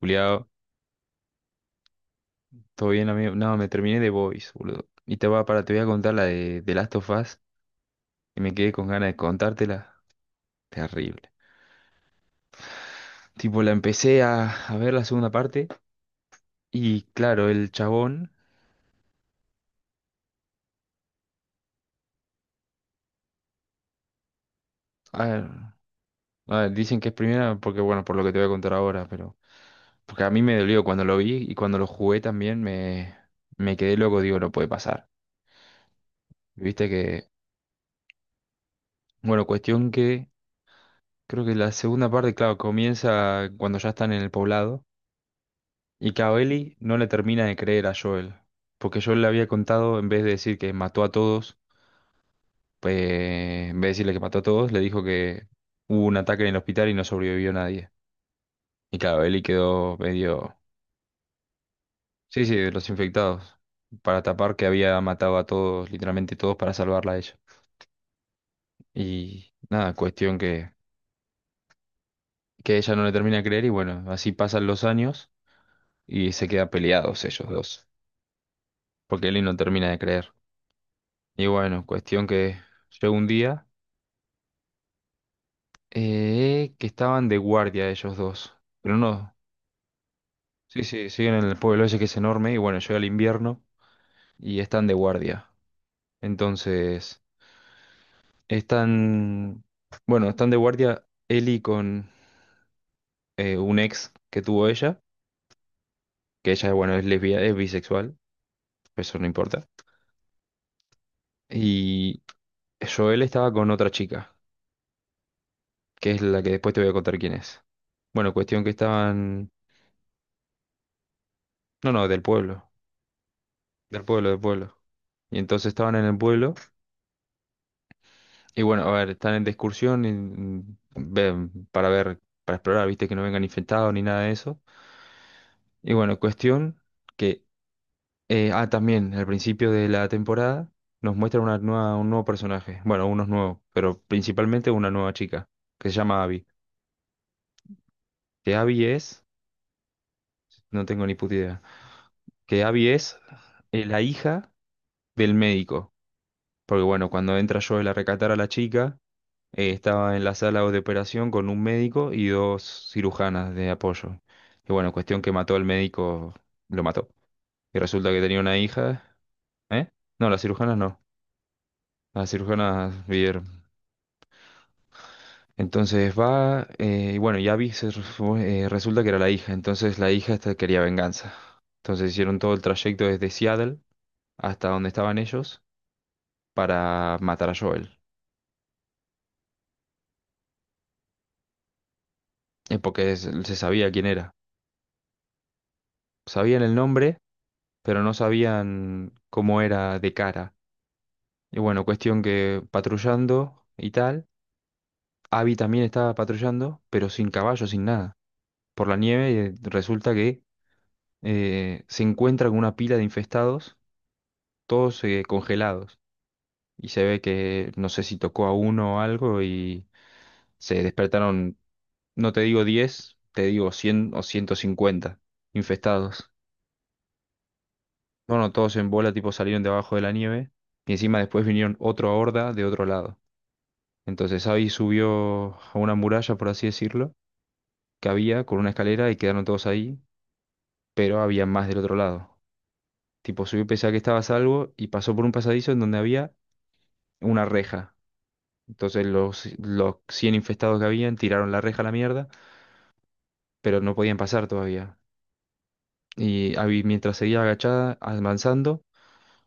Juliado, ¿todo bien, amigo? No, me terminé de Boys, boludo. Y te voy a contar la de Last of Us, y me quedé con ganas de contártela. Terrible. Tipo, la empecé a ver la segunda parte, y claro, el chabón. A ver, a ver, dicen que es primera, porque bueno, por lo que te voy a contar ahora, pero. Porque a mí me dolió cuando lo vi y cuando lo jugué también me quedé loco, digo, no puede pasar. Viste que. Bueno, cuestión que. Creo que la segunda parte, claro, comienza cuando ya están en el poblado. Y que a Ellie no le termina de creer a Joel, porque Joel le había contado, en vez de decir que mató a todos, pues, en vez de decirle que mató a todos, le dijo que hubo un ataque en el hospital y no sobrevivió nadie. Y claro, Ellie quedó medio, sí, sí, de los infectados, para tapar que había matado a todos, literalmente todos, para salvarla a ella. Y nada, cuestión que ella no le termina de creer y bueno, así pasan los años y se quedan peleados ellos dos, porque Ellie no termina de creer. Y bueno, cuestión que llega un día que estaban de guardia ellos dos. Pero no, sí, sí, siguen en el pueblo ese que es enorme y bueno, llega el invierno y están de guardia. Entonces, están, bueno, están de guardia Eli con un ex que tuvo ella, que ella, bueno, es lesbia, es bisexual, eso no importa. Y Joel estaba con otra chica, que es la que después te voy a contar quién es. Bueno, cuestión que estaban, no, no, del pueblo, del pueblo, del pueblo. Y entonces estaban en el pueblo. Y bueno, a ver, están en discusión ven, para ver, para explorar, viste, que no vengan infectados ni nada de eso. Y bueno, cuestión que, también, al principio de la temporada nos muestra una nueva, un nuevo personaje, bueno, unos nuevos, pero principalmente una nueva chica, que se llama Abby. Que Abby es, no tengo ni puta idea, que Abby es la hija del médico. Porque bueno, cuando entra Joel a recatar a la chica, Estaba en la sala de operación con un médico y dos cirujanas de apoyo. Y bueno, cuestión que mató al médico, lo mató. Y resulta que tenía una hija. ¿Eh? No, las cirujanas no. Las cirujanas vivieron. Entonces va, y bueno, ya Abby fue, resulta que era la hija. Entonces la hija esta quería venganza. Entonces hicieron todo el trayecto desde Seattle hasta donde estaban ellos para matar a Joel. Porque se sabía quién era. Sabían el nombre pero no sabían cómo era de cara. Y bueno, cuestión que patrullando y tal, Abby también estaba patrullando, pero sin caballo, sin nada. Por la nieve resulta que se encuentra con una pila de infestados, todos, congelados. Y se ve que no sé si tocó a uno o algo y se despertaron, no te digo 10, te digo 100 o 150 infestados. Bueno, todos en bola tipo salieron debajo de la nieve y encima después vinieron otra horda de otro lado. Entonces Abby subió a una muralla, por así decirlo, que había con una escalera y quedaron todos ahí, pero había más del otro lado. Tipo, subió y pensaba que estaba a salvo y pasó por un pasadizo en donde había una reja. Entonces los 100 infestados que habían tiraron la reja a la mierda, pero no podían pasar todavía. Y Abby, mientras seguía agachada, avanzando,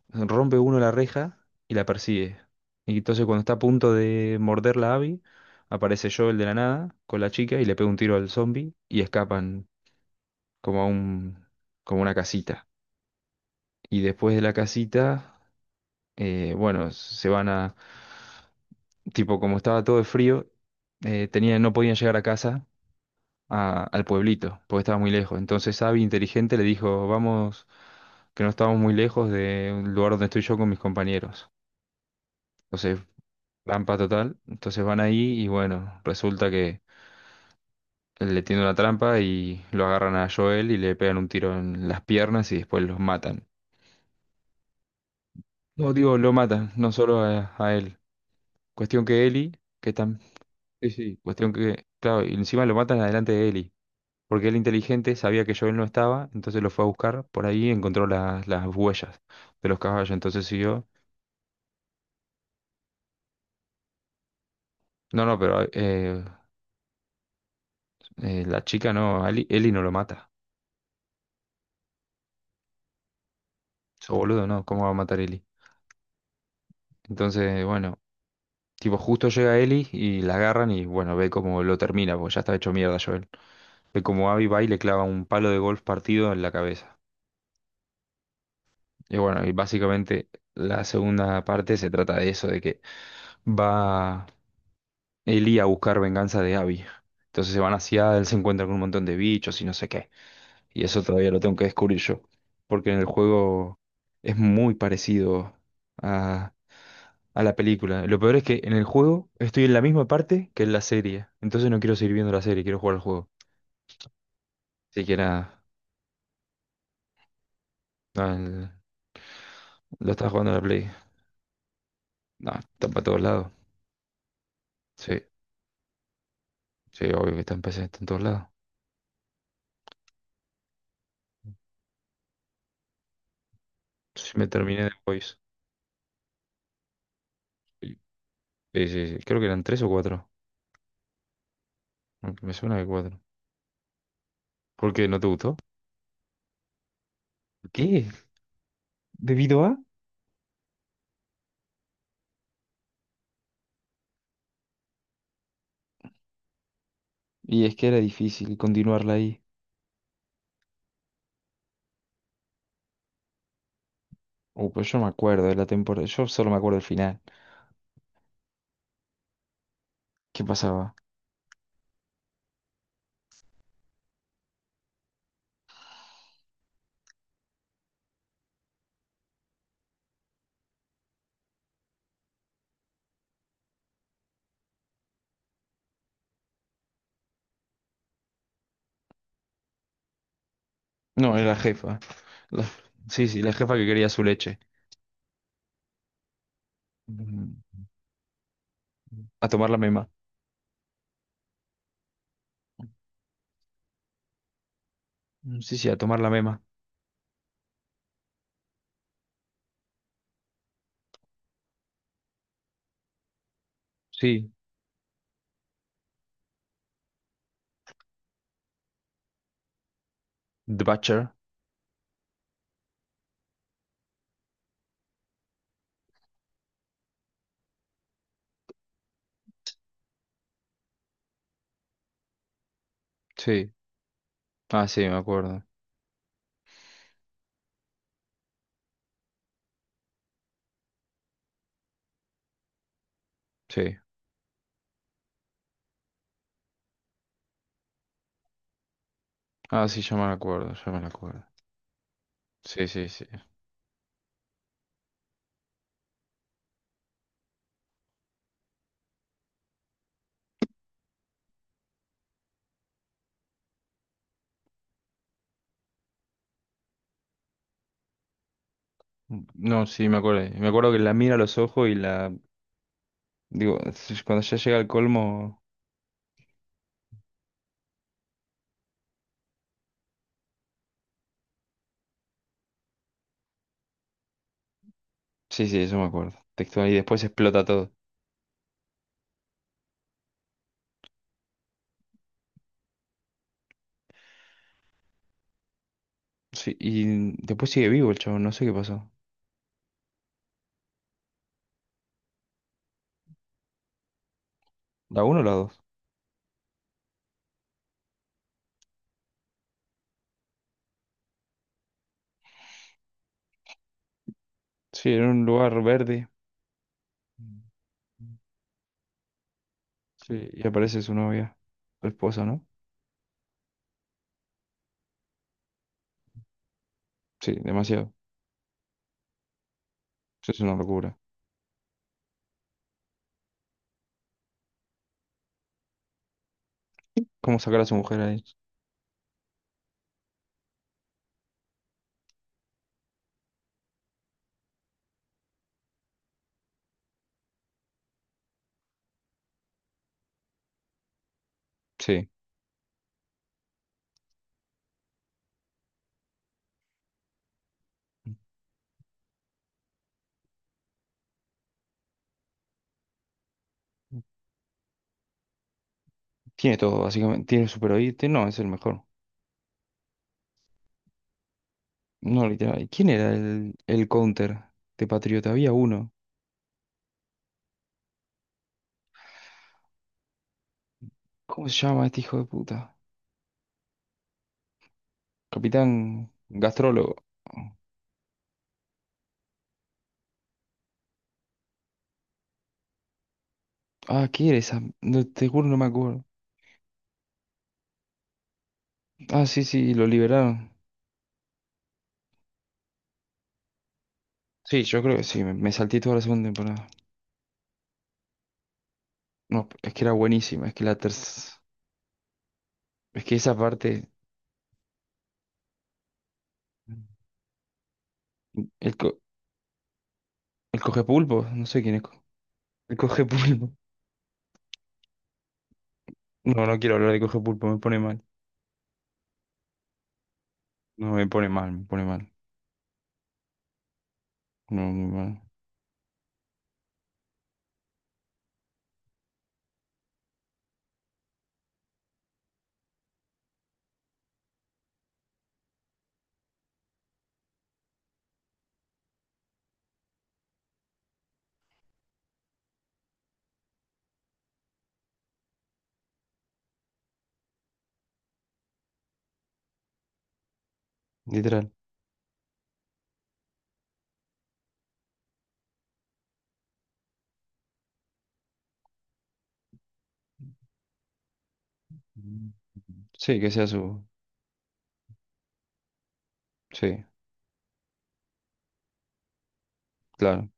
rompe uno la reja y la persigue. Y entonces cuando está a punto de morderla a Abby, aparece Joel de la nada con la chica y le pega un tiro al zombie y escapan como a un, como una casita. Y después de la casita, bueno, se van a, tipo, como estaba todo de frío, tenían, no podían llegar a casa, al pueblito, porque estaba muy lejos. Entonces Abby, inteligente, le dijo, vamos, que no estábamos muy lejos de un lugar donde estoy yo con mis compañeros. Entonces, trampa total. Entonces van ahí y bueno, resulta que le tiende una trampa y lo agarran a Joel y le pegan un tiro en las piernas y después los matan. No, digo, lo matan, no solo a él. Cuestión que Eli, que tan... Sí, sí, cuestión que... Claro, y encima lo matan adelante de Eli. Porque él inteligente sabía que Joel no estaba, entonces lo fue a buscar. Por ahí encontró las huellas de los caballos, entonces siguió. No, no, pero la chica no, Eli no lo mata. Eso boludo, no, ¿cómo va a matar Eli? Entonces, bueno, tipo, justo llega Eli y la agarran y, bueno, ve cómo lo termina, porque ya está hecho mierda Joel. Ve cómo Abby va y le clava un palo de golf partido en la cabeza. Y bueno, y básicamente la segunda parte se trata de eso, de que va Eli a buscar venganza de Abby. Entonces se van hacia él, se encuentran con un montón de bichos y no sé qué. Y eso todavía lo tengo que descubrir yo. Porque en el juego es muy parecido a, a la película. Lo peor es que en el juego estoy en la misma parte que en la serie. Entonces no quiero seguir viendo la serie, quiero jugar al juego. Siquiera no, lo estás jugando en la Play. No, está para todos lados. Sí, sí, obvio que está en PC, está en todos lados. Sí, me terminé de Boys. Sí, sí, sí. Creo que eran tres o cuatro. Aunque me suena de cuatro. ¿Por qué no te gustó? ¿Qué? ¿Debido a? Y es que era difícil continuarla ahí. Pero yo no me acuerdo de la temporada. Yo solo me acuerdo del final. ¿Qué pasaba? No, era la jefa. La- Sí, sí, la jefa que quería su leche. Mm. A tomar la mema. Mm, sí, sí, a tomar la mema. Sí. The Butcher. Sí. Ah, sí, me acuerdo. Sí. Ah, sí, ya me acuerdo, ya me acuerdo. Sí, sí, sí. No, sí, me acuerdo. Me acuerdo que la mira a los ojos y la... Digo, cuando ya llega al colmo... Sí, sí, eso me acuerdo. Textual. Y después explota todo. Sí, y después sigue vivo el chavo, no sé qué pasó. ¿La uno o la dos? Sí, en un lugar verde. Sí, y aparece su novia. Su esposa, ¿no? Sí, demasiado. Eso es una locura. ¿Cómo sacar a su mujer ahí? Sí. Tiene todo, básicamente. Tiene super oído. No, es el mejor. No, literal. ¿Quién era el counter de Patriota? Había uno. ¿Cómo se llama este hijo de puta? Capitán Gastrólogo. Ah, ¿qué era esa? No, te juro, no me acuerdo. Ah, sí, sí, lo liberaron. Sí, yo creo que sí, me salté toda la segunda temporada. No, es que era buenísima, es que la tercera... Es que esa parte... El, co el cogepulpo, no sé quién es. El cogepulpo. No, no quiero hablar de cogepulpo, me pone mal. No, me pone mal, me pone mal. No, muy mal. Literal. Mm. Sí, que sea su... Sí, claro.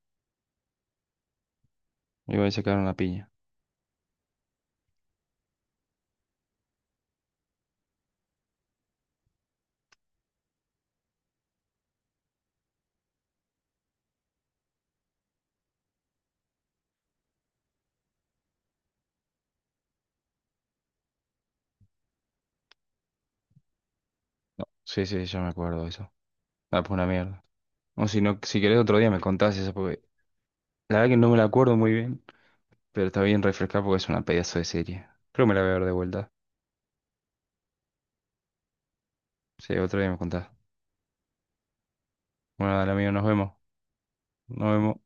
Iba a sacar una piña. Sí, sí, ya me acuerdo de eso. Ah, pues una mierda. O si no, si querés otro día me contás eso, porque la verdad que no me la acuerdo muy bien, pero está bien refrescar porque es una pedazo de serie. Creo que me la voy a ver de vuelta. Sí, otro día me contás. Bueno, dale amigo, nos vemos. Nos vemos.